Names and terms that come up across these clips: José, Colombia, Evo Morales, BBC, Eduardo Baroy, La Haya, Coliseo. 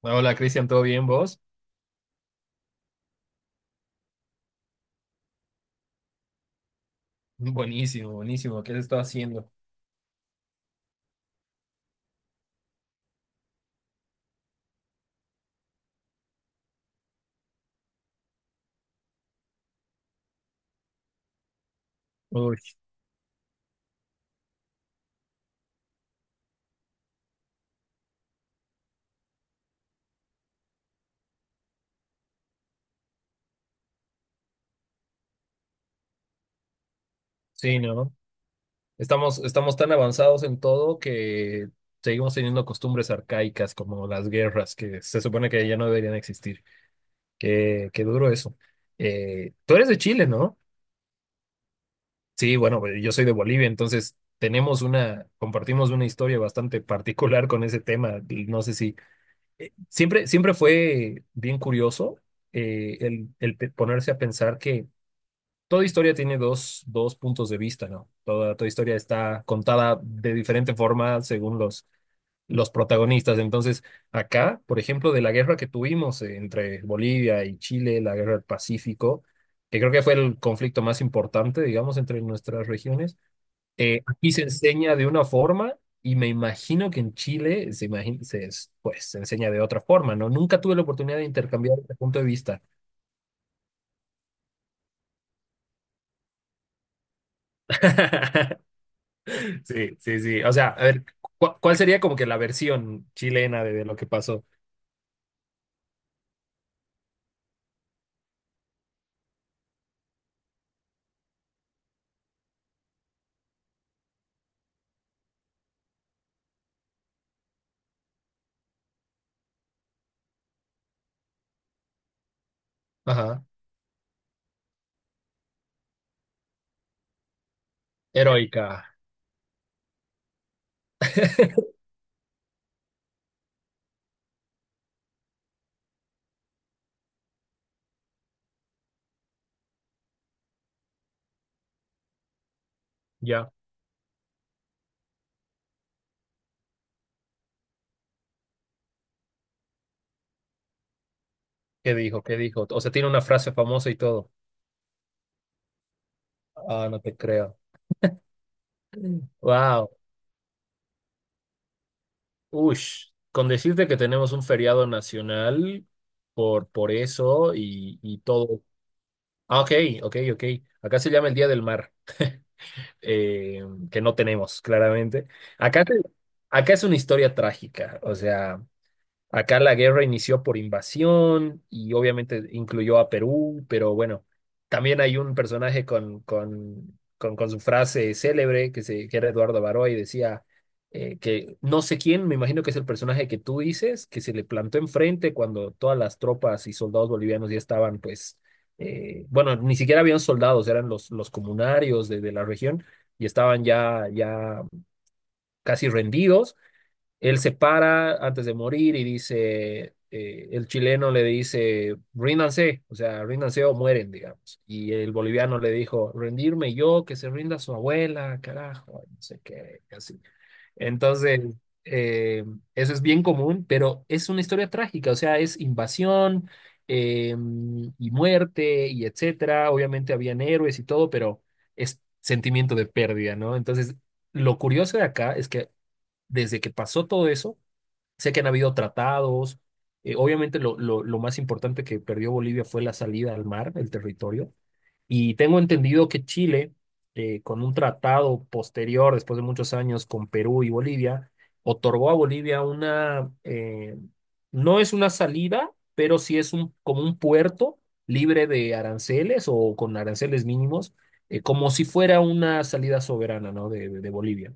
Hola, Cristian, ¿todo bien vos? Buenísimo, buenísimo. ¿Qué has estado haciendo? Uy, sí, ¿no? Estamos tan avanzados en todo que seguimos teniendo costumbres arcaicas como las guerras, que se supone que ya no deberían existir. Qué duro eso. Tú eres de Chile, ¿no? Sí, bueno, pues, yo soy de Bolivia, entonces tenemos una, compartimos una historia bastante particular con ese tema. Y no sé si siempre fue bien curioso el ponerse a pensar que toda historia tiene dos puntos de vista, ¿no? Toda historia está contada de diferente forma según los protagonistas. Entonces, acá, por ejemplo, de la guerra que tuvimos entre Bolivia y Chile, la guerra del Pacífico, que creo que fue el conflicto más importante, digamos, entre nuestras regiones, aquí se enseña de una forma y me imagino que en Chile se, imagina, se, es- pues, se enseña de otra forma, ¿no? Nunca tuve la oportunidad de intercambiar este punto de vista. Sí, sí, sí. O sea, a ver, ¿cu- ¿cuál sería como que la versión chilena de lo que pasó? Ajá. Heroica. Ya. ¿Qué dijo? ¿Qué dijo? O sea, tiene una frase famosa y todo. Ah, no te creo. Wow. Ush. Con decirte que tenemos un feriado nacional por eso y todo. Ah, ok, ok, ok. Acá se llama el Día del Mar, eh, que no tenemos, claramente. Acá, te- acá es una historia trágica. O sea. Acá la guerra inició por invasión y obviamente incluyó a Perú, pero bueno, también hay un personaje con su frase célebre que era Eduardo Baroy, decía que no sé quién, me imagino que es el personaje que tú dices, que se le plantó enfrente cuando todas las tropas y soldados bolivianos ya estaban, pues, bueno, ni siquiera habían soldados, eran los comunarios de la región y estaban ya casi rendidos. Él se para antes de morir y dice, el chileno le dice, ríndanse, o sea, ríndanse o mueren, digamos. Y el boliviano le dijo, rendirme yo, que se rinda su abuela, carajo, no sé qué, así. Entonces, eh, eso es bien común, pero es una historia trágica, o sea, es invasión eh, y muerte y etcétera. Obviamente habían héroes y todo, pero es sentimiento de pérdida, ¿no? Entonces, lo curioso de acá es que desde que pasó todo eso, sé que han habido tratados. Obviamente lo más importante que perdió Bolivia fue la salida al mar, el territorio. Y tengo entendido que Chile, con un tratado posterior, después de muchos años, con Perú y Bolivia, otorgó a Bolivia una, no es una salida, pero sí es un, como un puerto libre de aranceles o con aranceles mínimos, como si fuera una salida soberana, ¿no? De Bolivia.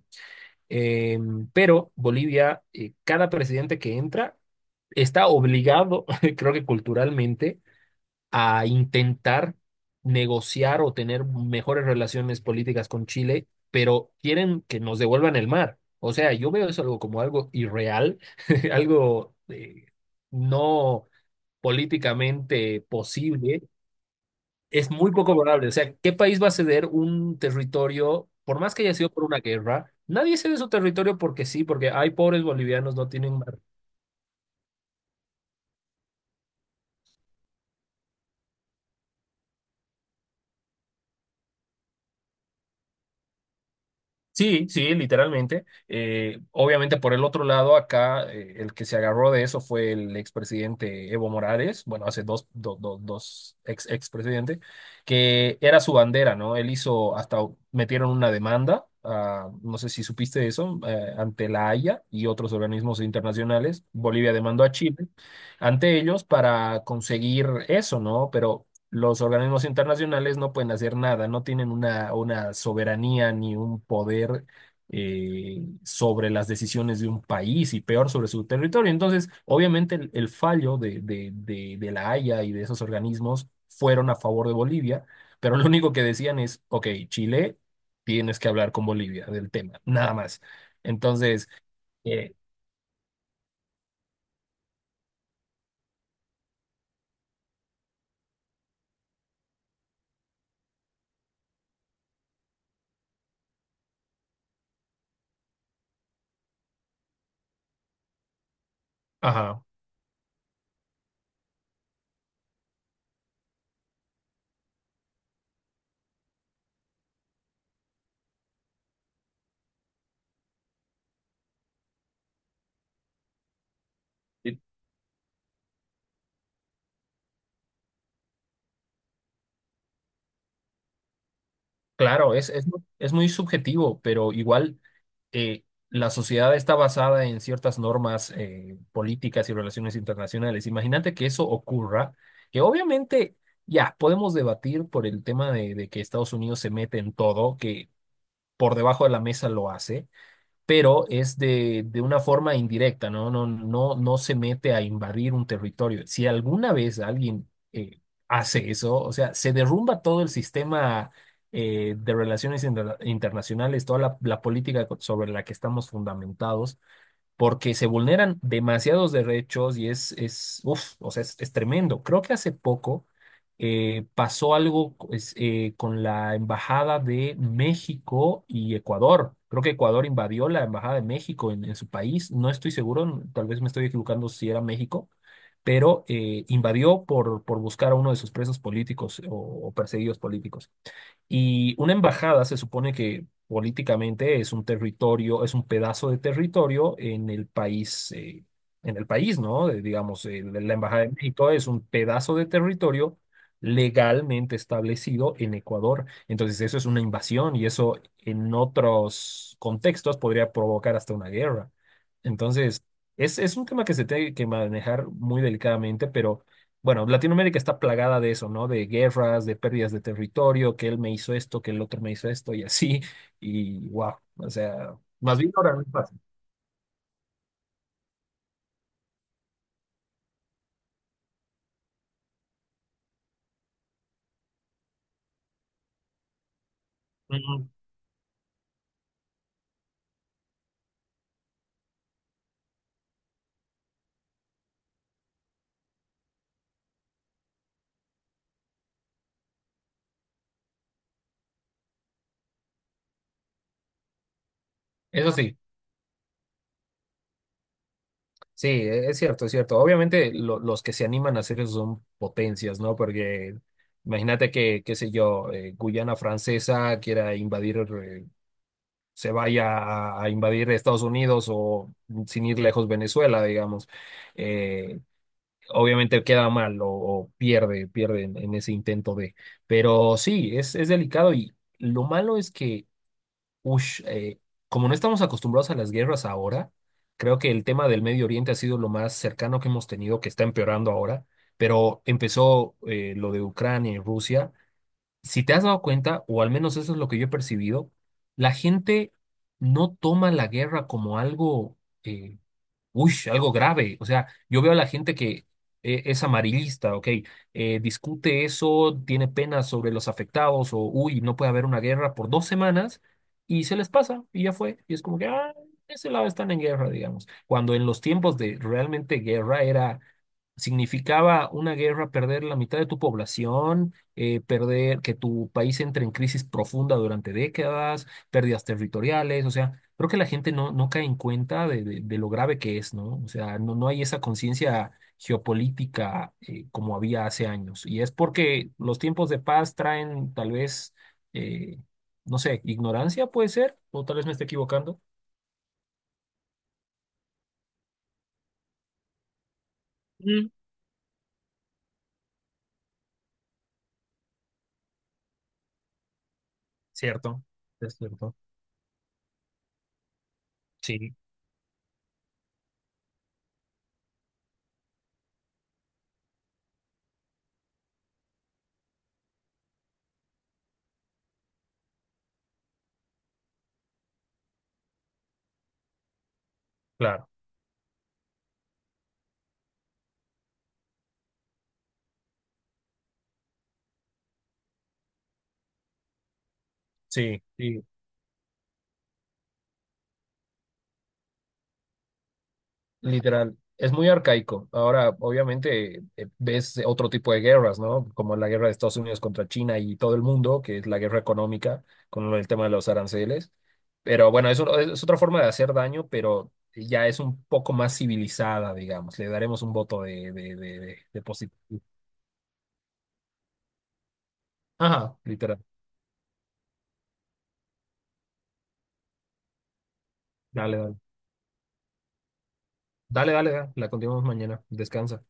Eh, pero Bolivia, cada presidente que entra está obligado, creo que culturalmente, a intentar negociar o tener mejores relaciones políticas con Chile, pero quieren que nos devuelvan el mar. O sea, yo veo eso algo como algo irreal, algo no políticamente posible. Es muy poco probable. O sea, ¿qué país va a ceder un territorio, por más que haya sido por una guerra? Nadie cede su territorio porque sí, porque hay pobres bolivianos, no tienen. Sí, sí, literalmente. Obviamente por el otro lado, acá el que se agarró de eso fue el expresidente Evo Morales, bueno, hace dos ex expresidentes, que era su bandera, ¿no? Él hizo, hasta metieron una demanda, ah, no sé si supiste eso, ante la Haya y otros organismos internacionales. Bolivia demandó a Chile ante ellos para conseguir eso, ¿no? Pero los organismos internacionales no pueden hacer nada, no tienen una soberanía ni un poder sobre las decisiones de un país y peor sobre su territorio. Entonces, obviamente el fallo de la Haya y de esos organismos fueron a favor de Bolivia, pero lo único que decían es, ok, Chile, tienes que hablar con Bolivia del tema, nada más. Entonces, eh, ajá. Claro, es muy subjetivo, pero igual eh, la sociedad está basada en ciertas normas políticas y relaciones internacionales. Imagínate que eso ocurra, que obviamente ya podemos debatir por el tema de que Estados Unidos se mete en todo, que por debajo de la mesa lo hace, pero es de una forma indirecta, ¿no? No, no, no se mete a invadir un territorio. Si alguna vez alguien hace eso, o sea, se derrumba todo el sistema de relaciones inter- internacionales, toda la política co- sobre la que estamos fundamentados, porque se vulneran demasiados derechos y es, uf, o sea, es tremendo. Creo que hace poco pasó algo es con la embajada de México y Ecuador. Creo que Ecuador invadió la embajada de México en su país. No estoy seguro, tal vez me estoy equivocando si era México, pero invadió por buscar a uno de sus presos políticos o perseguidos políticos. Y una embajada se supone que políticamente es un territorio, es un pedazo de territorio en el país, ¿no? Digamos, la Embajada de México es un pedazo de territorio legalmente establecido en Ecuador. Entonces, eso es una invasión y eso en otros contextos podría provocar hasta una guerra. Entonces, es un tema que se tiene que manejar muy delicadamente, pero... Bueno, Latinoamérica está plagada de eso, ¿no? De guerras, de pérdidas de territorio, que él me hizo esto, que el otro me hizo esto y así. Y wow, o sea, más bien ahora no es fácil. Ujú. Eso sí, sí, es cierto, es cierto. Obviamente lo- los que se animan a hacer eso son potencias, ¿no? Porque imagínate que, qué sé yo, Guyana Francesa quiera invadir, se vaya a invadir Estados Unidos o sin ir lejos Venezuela, digamos. eh, Obviamente queda mal o pierde en ese intento de. Pero sí, es delicado y lo malo es que, ush, como no estamos acostumbrados a las guerras ahora, creo que el tema del Medio Oriente ha sido lo más cercano que hemos tenido, que está empeorando ahora, pero empezó lo de Ucrania y Rusia. Si te has dado cuenta, o al menos eso es lo que yo he percibido, la gente no toma la guerra como algo... eh, uy, algo grave. O sea, yo veo a la gente que es amarillista, ok, discute eso, tiene penas sobre los afectados o, uy, no puede haber una guerra por 2 semanas y se les pasa y ya fue. Y es como que, ah, ese lado están en guerra, digamos. Cuando en los tiempos de realmente guerra era... Significaba una guerra perder la mitad de tu población, perder que tu país entre en crisis profunda durante décadas, pérdidas territoriales, o sea, creo que la gente no cae en cuenta de, de lo grave que es, ¿no? O sea, no hay esa conciencia geopolítica como había hace años. Y es porque los tiempos de paz traen tal vez, eh, no sé, ignorancia puede ser, o tal vez me esté equivocando. Mm. Cierto, es cierto. Sí, claro. Sí, sí, literal, es muy arcaico. Ahora, obviamente, ves otro tipo de guerras, ¿no? Como la guerra de Estados Unidos contra China y todo el mundo, que es la guerra económica con el tema de los aranceles. Pero bueno, eso es otra forma de hacer daño, pero ya es un poco más civilizada, digamos. Le daremos un voto de positivo. Ajá, literal. Dale, dale. Dale, dale, dale. La continuamos mañana. Descansa.